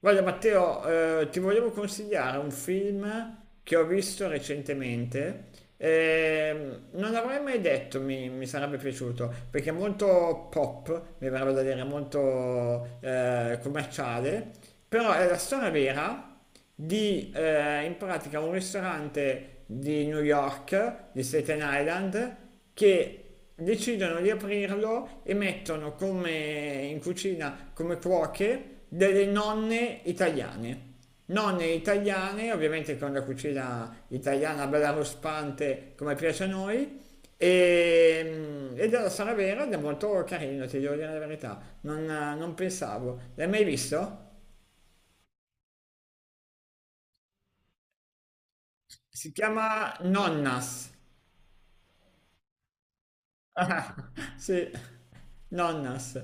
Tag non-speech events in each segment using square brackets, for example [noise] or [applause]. Guarda Matteo, ti volevo consigliare un film che ho visto recentemente. Non l'avrei mai detto, mi sarebbe piaciuto, perché è molto pop, mi verrebbe da dire, molto commerciale, però è la storia vera di in pratica un ristorante di New York, di Staten Island, che decidono di aprirlo e mettono come in cucina, come cuoche, delle nonne italiane. Nonne italiane, ovviamente con la cucina italiana bella ruspante come piace a noi, e, e della Sala Vera ed è molto carino, ti devo dire la verità, non pensavo. L'hai mai visto? Si chiama Nonnas. [laughs] Ah, sì, Nonnas.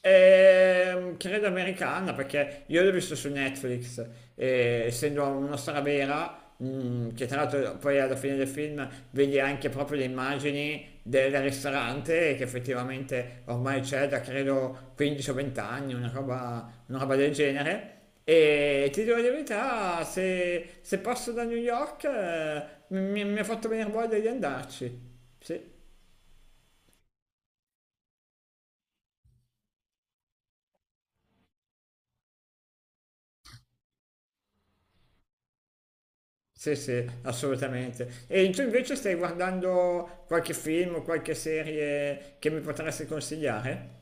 Credo americana perché io l'ho visto su Netflix e essendo una storia vera, che tra l'altro poi alla fine del film vedi anche proprio le immagini del ristorante che effettivamente ormai c'è da credo 15 o 20 anni, una roba del genere. E ti dico la verità, se passo da New York mi ha fatto venire voglia di andarci. Sì. Sì, sì, assolutamente. E tu invece stai guardando qualche film o qualche serie che mi potresti consigliare?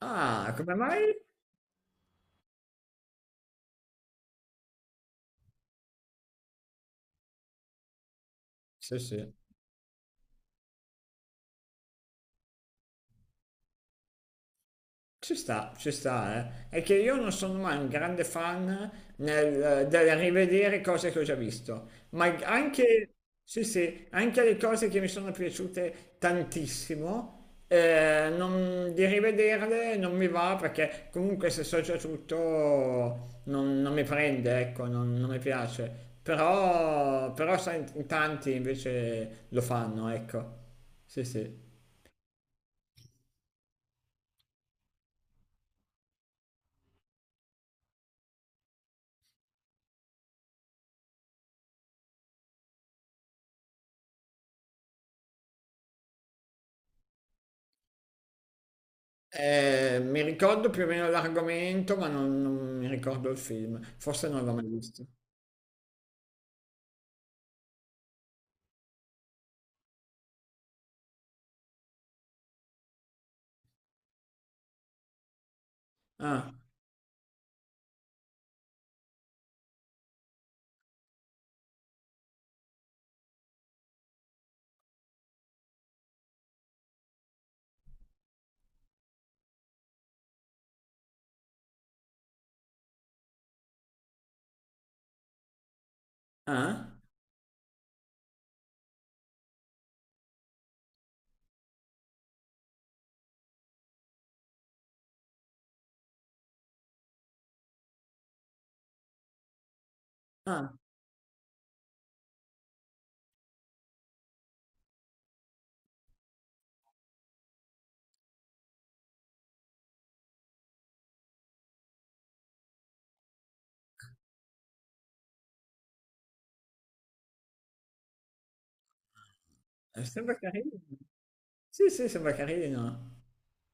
Ah, come mai? Sì, sì. Ci sta, eh. È che io non sono mai un grande fan del rivedere cose che ho già visto, ma anche, sì, sì, anche le cose che mi sono piaciute tantissimo, di rivederle non mi va perché comunque se so già tutto non mi prende, ecco, non mi piace. Però, però sai, in tanti invece lo fanno, ecco. Sì, sì. Mi ricordo più o meno l'argomento, ma non mi ricordo il film. Forse non l'ho mai visto. Ah, ah, ah, sembra carino. Sì, sì, sembra carino.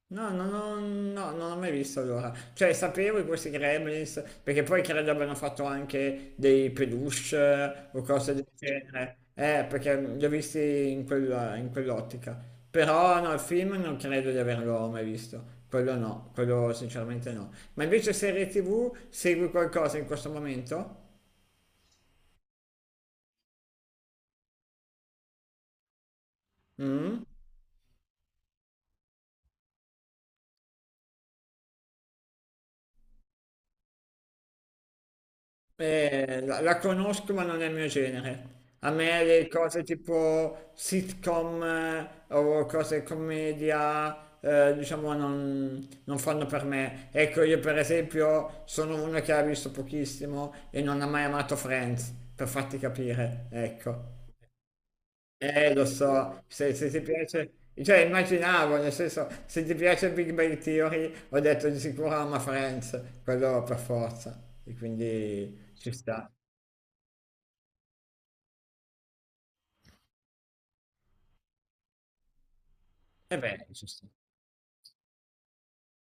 No, no, no, no, non ho mai visto allora. Cioè, sapevo di questi Gremlins, perché poi credo abbiano fatto anche dei peluche o cose del genere. Perché li ho visti in in quell'ottica. Però no, il film non credo di averlo mai visto. Quello no, quello sinceramente no. Ma invece serie TV, segui qualcosa in questo momento? Mm? La conosco ma non è il mio genere. A me le cose tipo sitcom o cose commedia, diciamo, non fanno per me. Ecco, io per esempio sono uno che ha visto pochissimo e non ha mai amato Friends, per farti capire, ecco. Lo so, se ti piace, cioè immaginavo, nel senso, se ti piace Big Bang Theory, ho detto di sicuro ama Friends, quello per forza, e quindi ci sta. Eh beh, ci sta.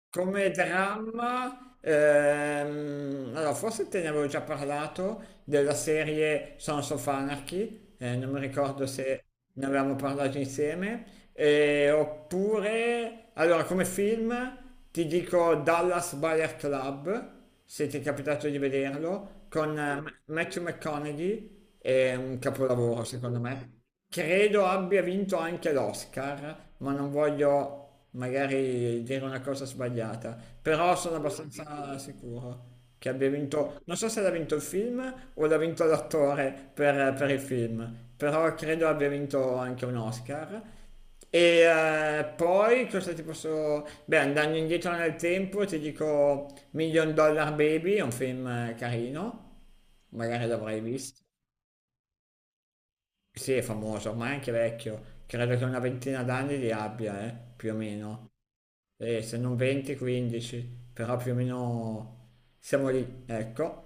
Come dramma, allora forse te ne avevo già parlato della serie Sons of Anarchy, non mi ricordo se ne avevamo parlato insieme, oppure, allora come film ti dico Dallas Buyer Club, se ti è capitato di vederlo, con Matthew McConaughey, è un capolavoro secondo me. Credo abbia vinto anche l'Oscar, ma non voglio magari dire una cosa sbagliata, però sono abbastanza sicuro che abbia vinto, non so se l'ha vinto il film o l'ha vinto l'attore per il film, però credo abbia vinto anche un Oscar. E poi cosa ti posso... Beh, andando indietro nel tempo ti dico Million Dollar Baby, è un film carino, magari l'avrai visto. Sì, è famoso, ma è anche vecchio. Credo che una ventina d'anni li abbia, più o meno. E se non 20, 15, però più o meno siamo lì, ecco.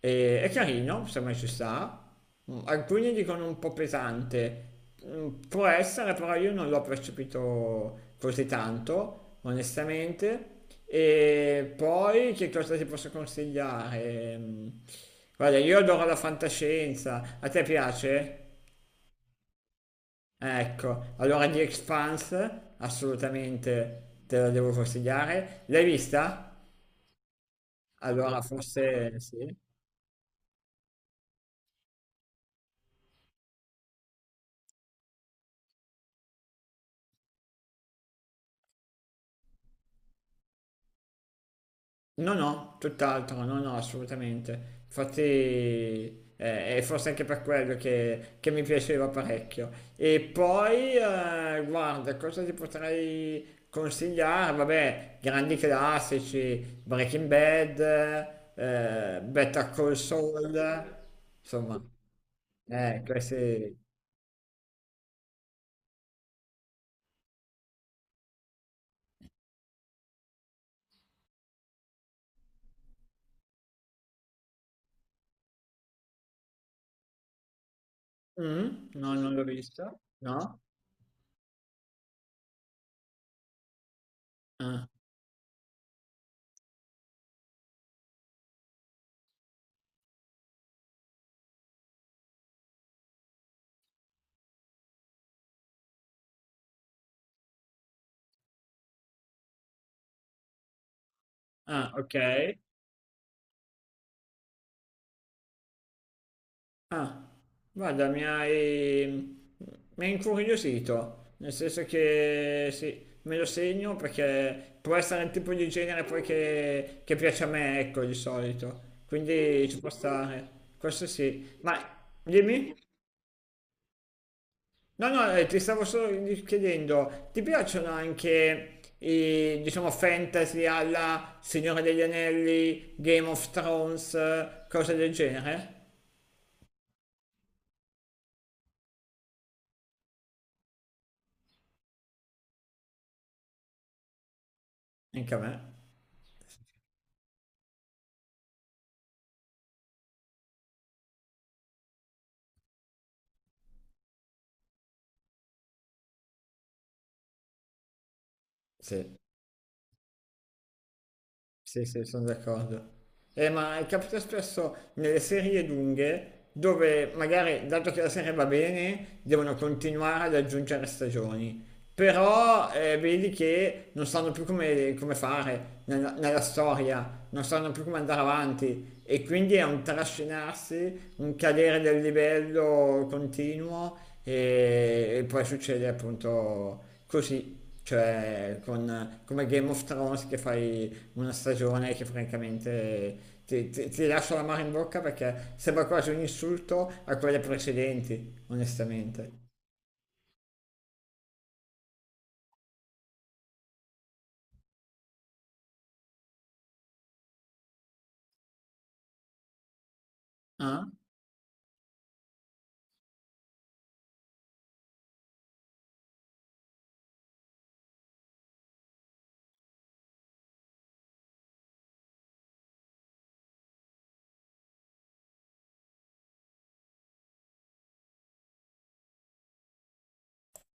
E, è carino, se mai ci sta. Mm, alcuni dicono un po' pesante. Mm, può essere, però io non l'ho percepito così tanto, onestamente. E poi che cosa ti posso consigliare? Mm, guarda, io adoro la fantascienza. A te piace? Ecco, allora The Expanse assolutamente te la devo consigliare. L'hai vista? Allora forse sì. No, no, tutt'altro, no, no, assolutamente. Infatti è forse anche per quello che mi piaceva parecchio. E poi, guarda, cosa ti potrei consigliare? Vabbè, grandi classici, Breaking Bad, Better Call Saul, insomma. Questi, mh, no, non l'ho vista. No? Ah, ah, okay. Ah, guarda mi hai incuriosito, nel senso che sì, me lo segno perché può essere il tipo di genere poi che piace a me, ecco, di solito. Quindi ci può stare. Questo sì. Ma dimmi? No, no, ti stavo solo chiedendo, ti piacciono anche i, diciamo, fantasy alla Signore degli Anelli, Game of Thrones, cose del genere? Anche a me, sì. Sì, sì, sono d'accordo. Ma capita spesso nelle serie lunghe dove magari, dato che la serie va bene, devono continuare ad aggiungere stagioni. Però vedi che non sanno più come, come fare nella storia, non sanno più come andare avanti e quindi è un trascinarsi, un cadere del livello continuo e poi succede appunto così, cioè con, come Game of Thrones che fai una stagione che francamente ti, ti lascia la mare in bocca perché sembra quasi un insulto a quelle precedenti, onestamente. Ah?